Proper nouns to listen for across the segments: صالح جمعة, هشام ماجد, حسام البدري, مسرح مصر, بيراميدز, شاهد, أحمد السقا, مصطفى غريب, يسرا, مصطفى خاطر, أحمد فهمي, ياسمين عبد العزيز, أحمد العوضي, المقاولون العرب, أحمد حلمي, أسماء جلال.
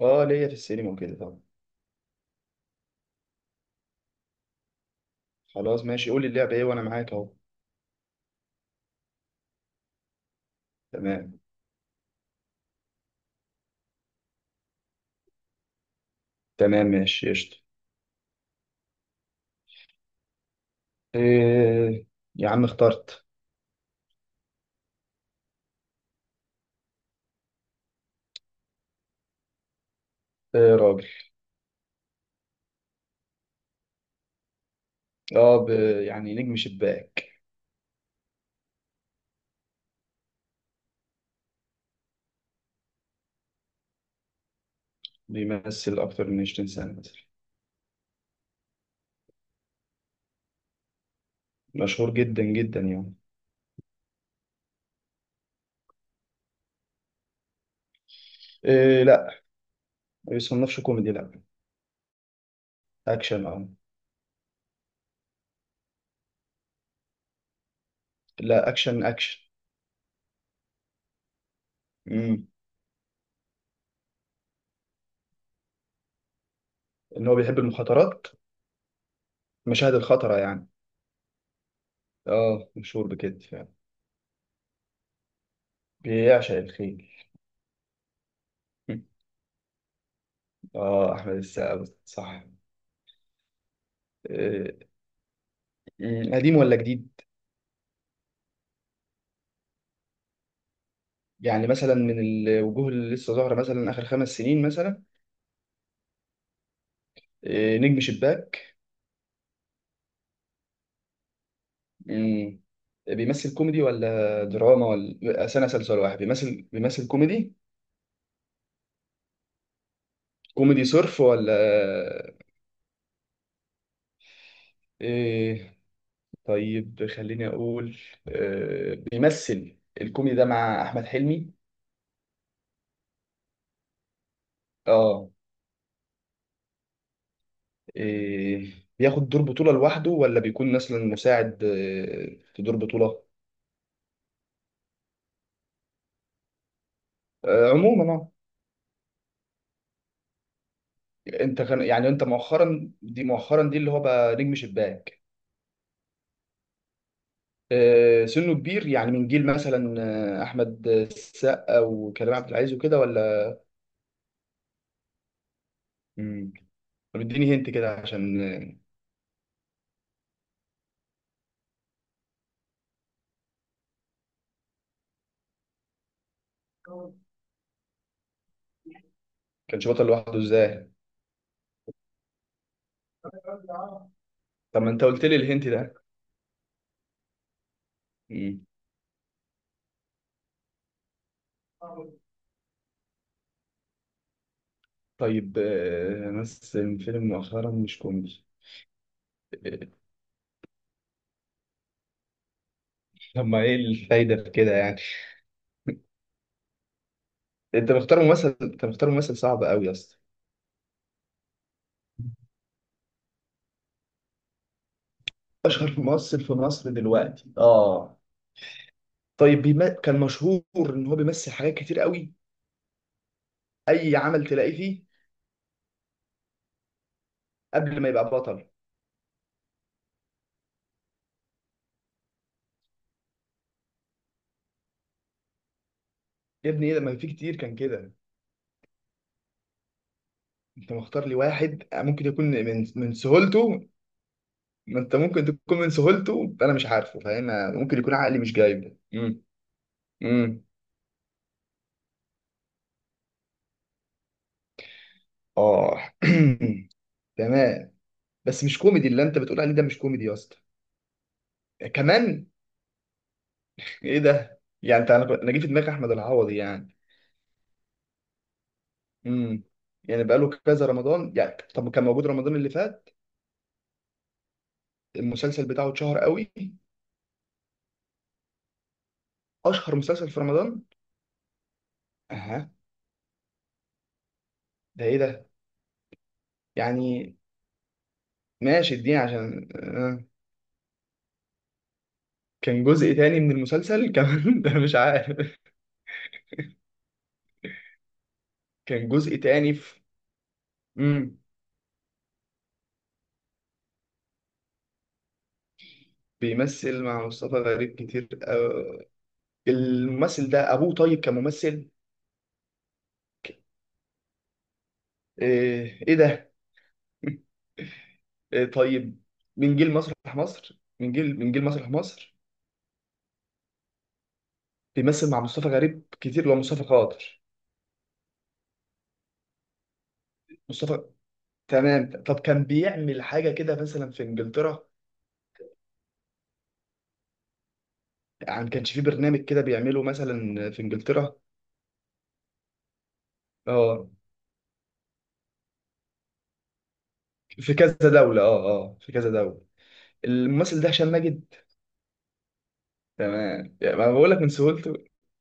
اه، ليا في السينما وكده طبعا. خلاص ماشي، قول لي اللعبة ايه وانا معاك اهو. تمام، تمام ماشي قشطة. إيه يا عم، اخترت. إيه، راجل. اه ب... يعني نجم شباك. بيمثل اكتر من 20 سنة مثلا. مشهور جدا جدا يعني. إيه لا، ما بيصنفش كوميدي، لا اكشن اه. لا، اكشن اكشن. امم ان هو بيحب المخاطرات. مشاهد الخطرة يعني. اه، مشهور بكده فعلا. بيعشق الخيل. اه، احمد السقا صح. إيه، قديم ولا جديد؟ يعني مثلا من الوجوه اللي لسه ظاهرة مثلا آخر خمس سنين مثلا. إيه، نجم شباك. مم. بيمثل كوميدي ولا دراما ولا سنة سلسلة واحد، بيمثل كوميدي. كوميدي صرف ولا؟ إيه طيب، خليني أقول. إيه، بيمثل الكوميدي ده مع أحمد حلمي. آه. إيه بياخد دور بطولة لوحده ولا بيكون مثلا مساعد، إيه، في دور بطولة. آه، عموما آه. انت كان يعني انت مؤخرا دي مؤخرا دي اللي هو بقى نجم شباك. آه، سنه كبير يعني، من جيل مثلا. آه، احمد السقا وكريم عبد العزيز وكده ولا؟ مم. طب اديني هنت كده عشان آه، كانش بطل لوحده ازاي؟ طب ما انت قلت لي الهنت ده؟ مم. طيب، مثل فيلم مؤخرا مش كوميدي آه، طب ما ايه الفايده في كده يعني؟ انت مختار ممثل صعب قوي يا اسطى. اشهر ممثل في مصر دلوقتي اه. طيب كان مشهور ان هو بيمثل حاجات كتير قوي. اي عمل تلاقيه فيه. قبل ما يبقى بطل. يا ابني، ايه ده، ما في كتير كان كده. انت مختار لي واحد ممكن يكون من سهولته. ما انت ممكن تكون من سهولته، انا مش عارفه فاهم. ممكن يكون عقلي مش جايبه. امم. اه، تمام. بس مش كوميدي اللي انت بتقول عليه ده، مش كوميدي يا اسطى. كمان. ايه ده يعني، أنا جه في دماغي احمد العوضي يعني. امم. يعني بقاله كذا رمضان يعني، طب كان موجود رمضان اللي فات. المسلسل بتاعه اتشهر قوي. اشهر مسلسل في رمضان. اها. ده ايه ده يعني؟ ماشي اديني عشان. كان جزء تاني من المسلسل كمان ده مش عارف. كان جزء تاني في. امم. بيمثل مع مصطفى غريب كتير آه. الممثل ده ابوه طيب كممثل؟ ايه, إيه ده. إيه طيب. من جيل مسرح مصر. بيمثل مع مصطفى غريب كتير اللي هو مصطفى خاطر. مصطفى، تمام. طب كان بيعمل حاجة كده مثلا في انجلترا؟ يعني كانش في برنامج كده بيعمله مثلا في انجلترا؟ اه، في كذا دولة، اه اه، في كذا دولة. الممثل ده هشام ماجد. تمام يعني، ما بقول لك من سهولته.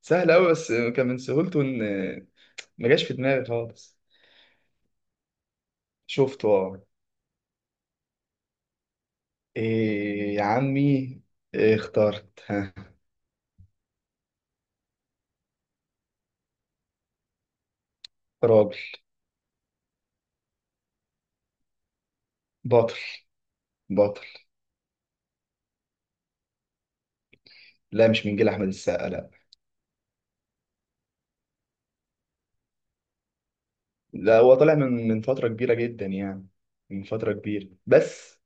سهل قوي، بس كان من سهولته ان ما جاش في دماغي خالص. شفته اه. إيه يا عمي، إيه اخترت ها. راجل. بطل، بطل. لا، مش من جيل احمد السقا لا. لا، هو طالع من فترة كبيرة جدا يعني. من فترة كبيرة بس.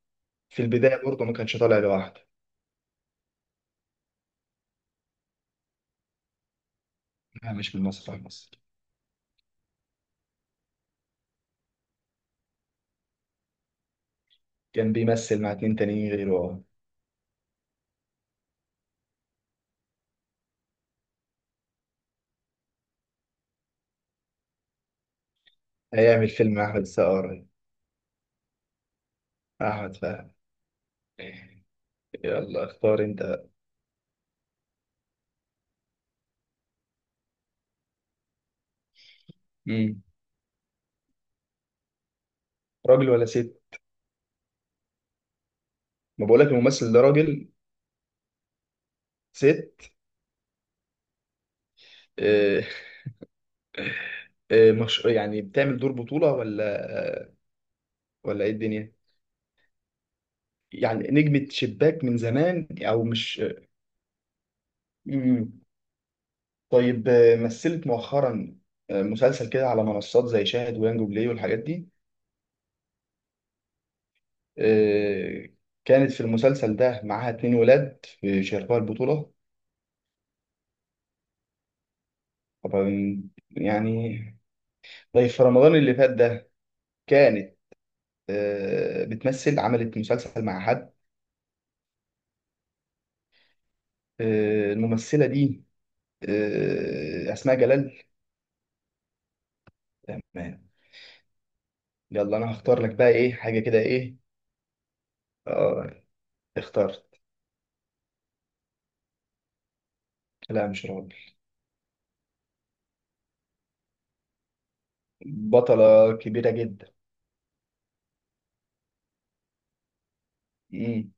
في البداية برضه ما كانش طالع لوحده. لا، مش من مسرح مصر. كان بيمثل مع اتنين تانيين غيره أهو. هيعمل فيلم مع أحمد السقا قريب. أحمد فهمي. يلا اختار أنت. مم. راجل ولا ست؟ ما بقولك الممثل ده راجل. ست. آه، آه، مش يعني، بتعمل دور بطولة ولا؟ آه، ولا إيه الدنيا. يعني نجمة شباك من زمان أو مش؟ مم. طيب، مثلت مؤخرا، مسلسل كده على منصات زي شاهد ويانجو بلاي والحاجات دي. آه، كانت في المسلسل ده معاها اتنين ولاد في شاركوها البطولة. طبعا يعني. طيب، في رمضان اللي فات ده كانت عملت مسلسل مع حد. الممثلة دي، أسماء جلال. تمام. يلا أنا هختار لك بقى. إيه حاجة كده، إيه. آه، اخترت. لا، مش راجل. بطلة كبيرة جدا. مم.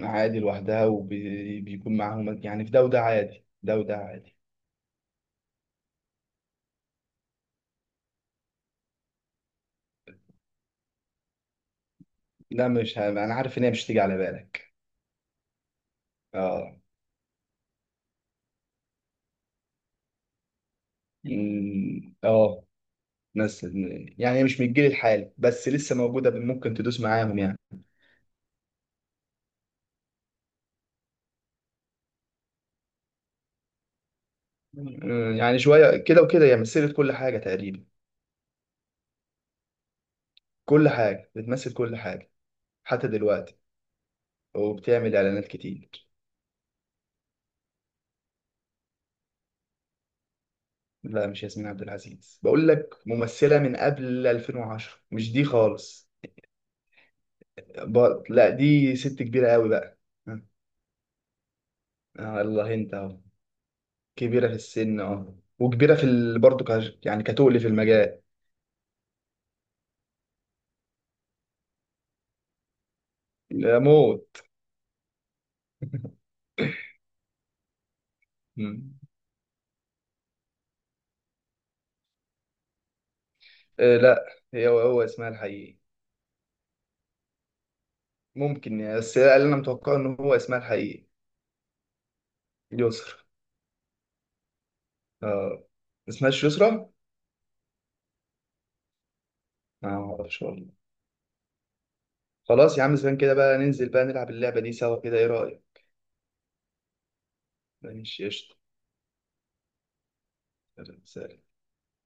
عادي لوحدها وبيكون معاهم يعني، في ده وده عادي، ده وده عادي. لا، مش أنا عارف إن هي مش تيجي على بالك. آه. مم. آه. ناس. يعني مش من الجيل الحالي بس لسه موجودة، ممكن تدوس معاهم يعني. يعني شوية كده وكده، هي مثلت كل حاجة تقريبا. كل حاجة، بتمثل كل حاجة. حتى دلوقتي، وبتعمل إعلانات كتير. لا، مش ياسمين عبد العزيز، بقول لك ممثلة من قبل 2010 مش دي خالص. لا، دي ست كبيرة قوي بقى. آه الله، انت اهو. كبيرة في السن اهو. وكبيرة في برضه يعني كتقل في المجال. لا موت. آه، لا. هو اسمها الحقيقي. ممكن يعني، بس هي اللي انا متوقعه ان هو اسمها الحقيقي. يسرا. اه. ما اسمهاش يسرا. ما اعرفش والله. خلاص يا عم، زمان كده بقى، ننزل بقى نلعب اللعبة دي سوا كده، ايه رأيك؟ ماشي قشطة. سلام.